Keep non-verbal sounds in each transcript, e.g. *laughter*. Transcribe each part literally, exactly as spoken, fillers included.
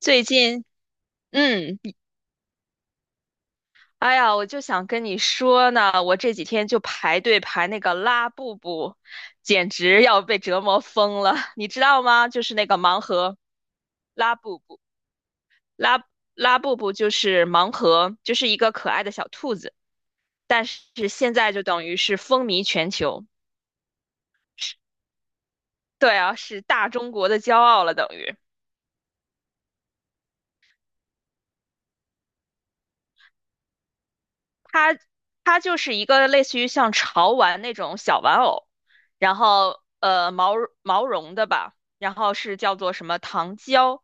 最近，嗯，哎呀，我就想跟你说呢，我这几天就排队排那个拉布布，简直要被折磨疯了，*laughs* 你知道吗？就是那个盲盒拉布布，拉拉布布就是盲盒，就是一个可爱的小兔子，但是现在就等于是风靡全球，对啊，是大中国的骄傲了，等于。它它就是一个类似于像潮玩那种小玩偶，然后呃毛毛绒的吧，然后是叫做什么糖胶，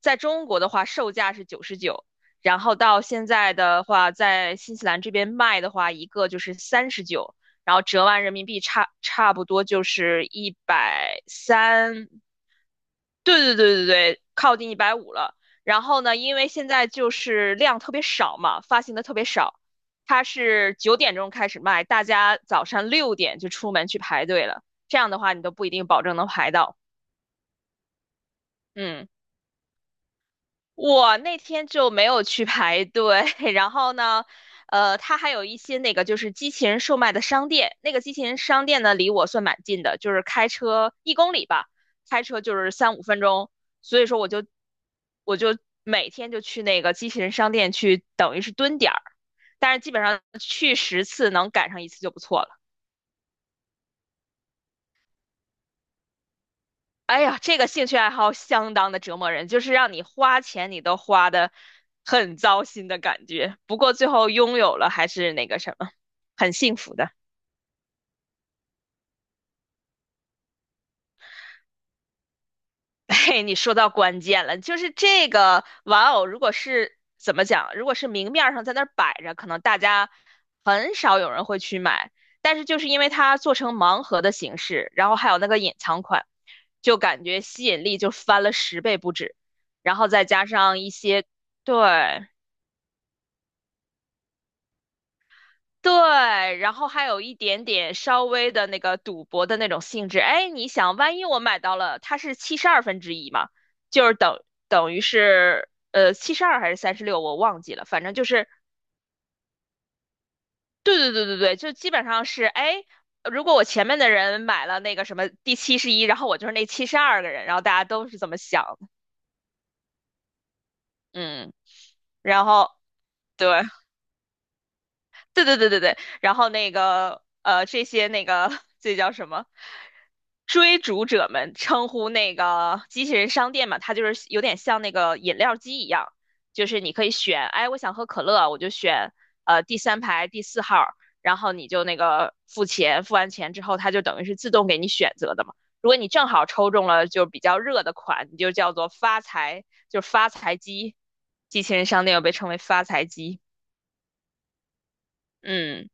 在中国的话售价是九十九，然后到现在的话，在新西兰这边卖的话，一个就是三十九，然后折完人民币差差不多就是一百三。对对对对对，靠近一百五了。然后呢，因为现在就是量特别少嘛，发行的特别少，它是九点钟开始卖，大家早上六点就出门去排队了。这样的话，你都不一定保证能排到。嗯。我那天就没有去排队，*laughs* 然后呢，呃，它还有一些那个就是机器人售卖的商店，那个机器人商店呢离我算蛮近的，就是开车一公里吧，开车就是三五分钟，所以说我就我就每天就去那个机器人商店去，等于是蹲点儿，但是基本上去十次能赶上一次就不错了。哎呀，这个兴趣爱好相当的折磨人，就是让你花钱你都花的很糟心的感觉。不过最后拥有了还是那个什么，很幸福的。*laughs* 嘿，你说到关键了，就是这个玩偶，如果是怎么讲，如果是明面儿上在那儿摆着，可能大家很少有人会去买。但是就是因为它做成盲盒的形式，然后还有那个隐藏款，就感觉吸引力就翻了十倍不止。然后再加上一些，对。对，然后还有一点点稍微的那个赌博的那种性质。哎，你想，万一我买到了，它是七十二分之一嘛，就是等等于是呃七十二还是三十六，我忘记了，反正就是。对对对对对，就基本上是哎，如果我前面的人买了那个什么第七十一，然后我就是那七十二个人，然后大家都是这么想的。嗯，然后对，对对对对对，然后那个呃，这些那个 *laughs* 这叫什么？追逐者们称呼那个机器人商店嘛，它就是有点像那个饮料机一样，就是你可以选，哎，我想喝可乐，我就选呃第三排第四号儿然后你就那个付钱，付完钱之后，它就等于是自动给你选择的嘛。如果你正好抽中了就比较热的款，你就叫做发财，就是发财机。机器人商店又被称为发财机，嗯。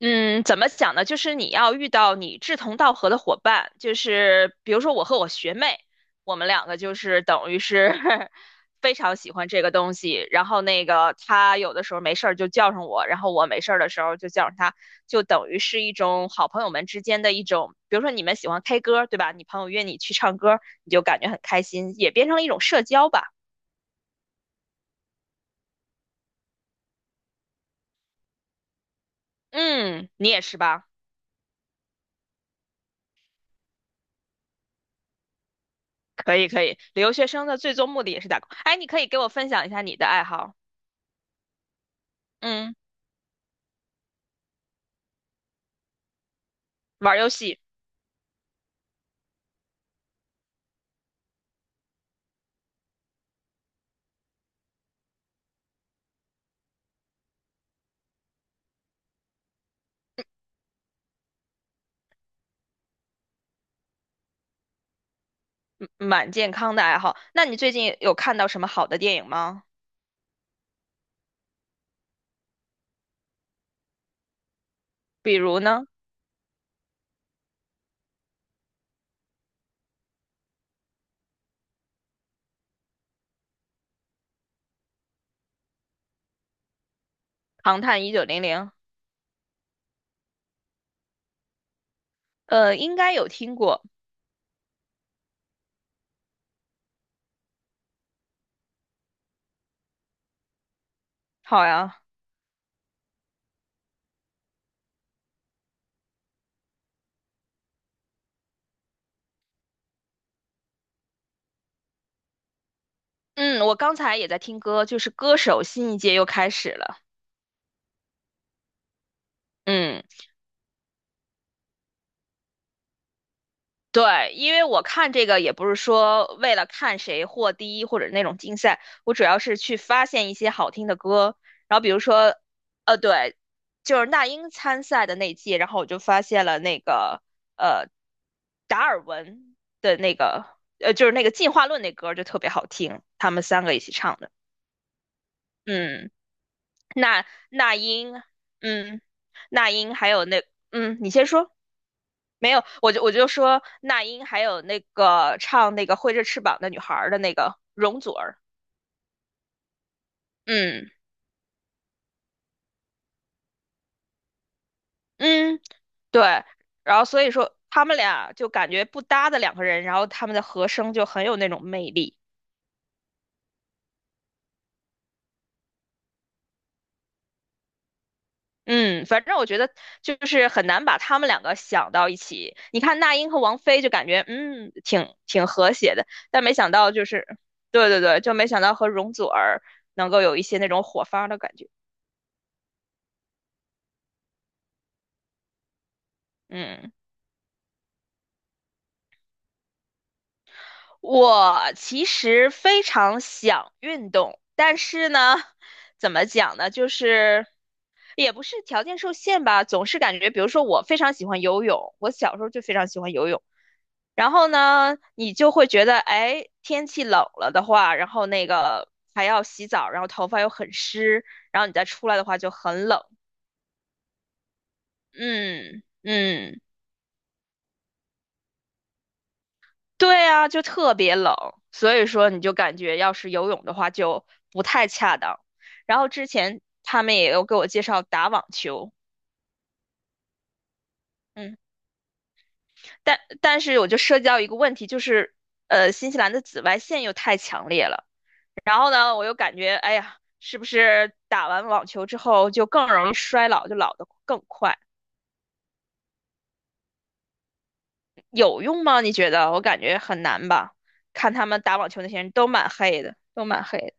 嗯，怎么讲呢？就是你要遇到你志同道合的伙伴，就是比如说我和我学妹，我们两个就是等于是 *laughs* 非常喜欢这个东西。然后那个她有的时候没事儿就叫上我，然后我没事儿的时候就叫上她，就等于是一种好朋友们之间的一种，比如说你们喜欢 K 歌，对吧？你朋友约你去唱歌，你就感觉很开心，也变成了一种社交吧。嗯，你也是吧？可以可以，留学生的最终目的也是打工。哎，你可以给我分享一下你的爱好。嗯，玩儿游戏嗯蛮健康的爱好。那你最近有看到什么好的电影吗？比如呢，《唐探一九零零》，呃，应该有听过。好呀，嗯，我刚才也在听歌，就是歌手新一届又开始了。嗯，对，因为我看这个也不是说为了看谁获第一或者那种竞赛，我主要是去发现一些好听的歌。然后比如说，呃，对，就是那英参赛的那届，然后我就发现了那个。呃达尔文的那个，呃，就是那个进化论那歌就特别好听，他们三个一起唱的。嗯，那那英，嗯，那英还有那，嗯，你先说。没有，我就我就说那英还有那个唱那个挥着翅膀的女孩儿的那个容祖儿，嗯嗯，对，然后所以说他们俩就感觉不搭的两个人，然后他们的和声就很有那种魅力。嗯，反正我觉得就是很难把他们两个想到一起。你看那英和王菲就感觉嗯挺挺和谐的，但没想到就是，对对对，就没想到和容祖儿能够有一些那种火花的感觉。嗯，我其实非常想运动，但是呢，怎么讲呢，就是也不是条件受限吧，总是感觉，比如说我非常喜欢游泳，我小时候就非常喜欢游泳。然后呢，你就会觉得，哎，天气冷了的话，然后那个还要洗澡，然后头发又很湿，然后你再出来的话就很冷。嗯嗯，对啊，就特别冷，所以说你就感觉要是游泳的话就不太恰当。然后之前他们也有给我介绍打网球，嗯，但但是我就涉及到一个问题，就是呃，新西兰的紫外线又太强烈了。然后呢，我又感觉，哎呀，是不是打完网球之后就更容易衰老，就老得更快？有用吗？你觉得？我感觉很难吧。看他们打网球那些人都蛮黑的，都蛮黑的。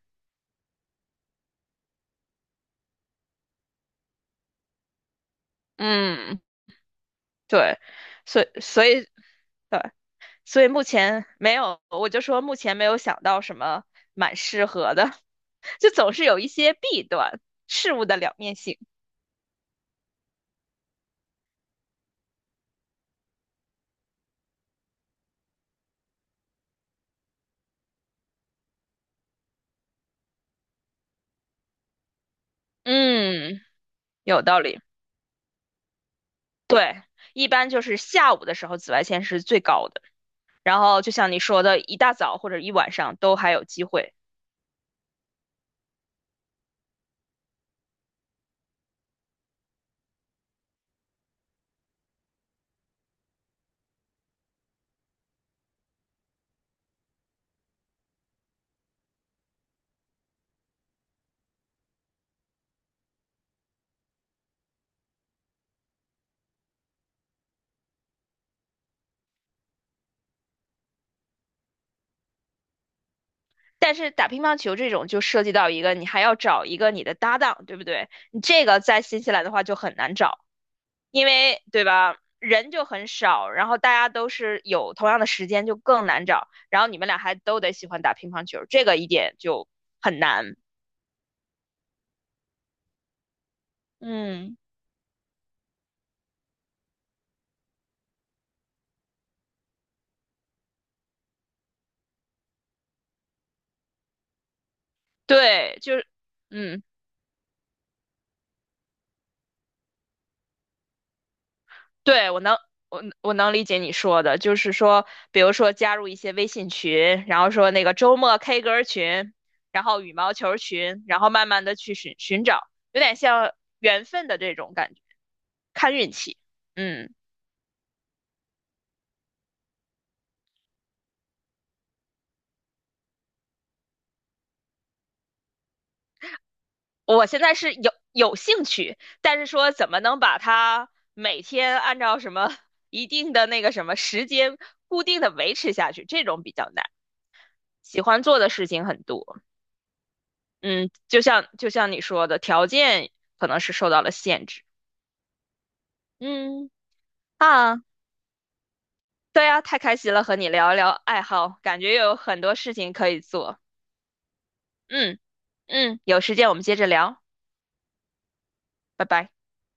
嗯，对，所以所以对，所以目前没有，我就说目前没有想到什么蛮适合的，*laughs* 就总是有一些弊端，事物的两面性。嗯，有道理。对，一般就是下午的时候紫外线是最高的。然后就像你说的，一大早或者一晚上都还有机会。但是打乒乓球这种就涉及到一个，你还要找一个你的搭档，对不对？你这个在新西兰的话就很难找，因为对吧，人就很少，然后大家都是有同样的时间，就更难找。然后你们俩还都得喜欢打乒乓球，这个一点就很难。嗯，对，就是嗯。对，我能，我我能理解你说的，就是说，比如说加入一些微信群，然后说那个周末 K 歌群，然后羽毛球群，然后慢慢的去寻寻找，有点像缘分的这种感觉，看运气。嗯，我现在是有有兴趣，但是说怎么能把它每天按照什么一定的那个什么时间固定的维持下去，这种比较难。喜欢做的事情很多。嗯，就像就像你说的，条件可能是受到了限制。嗯啊，对啊，太开心了，和你聊一聊爱好，感觉有很多事情可以做。嗯嗯，有时间我们接着聊，拜拜。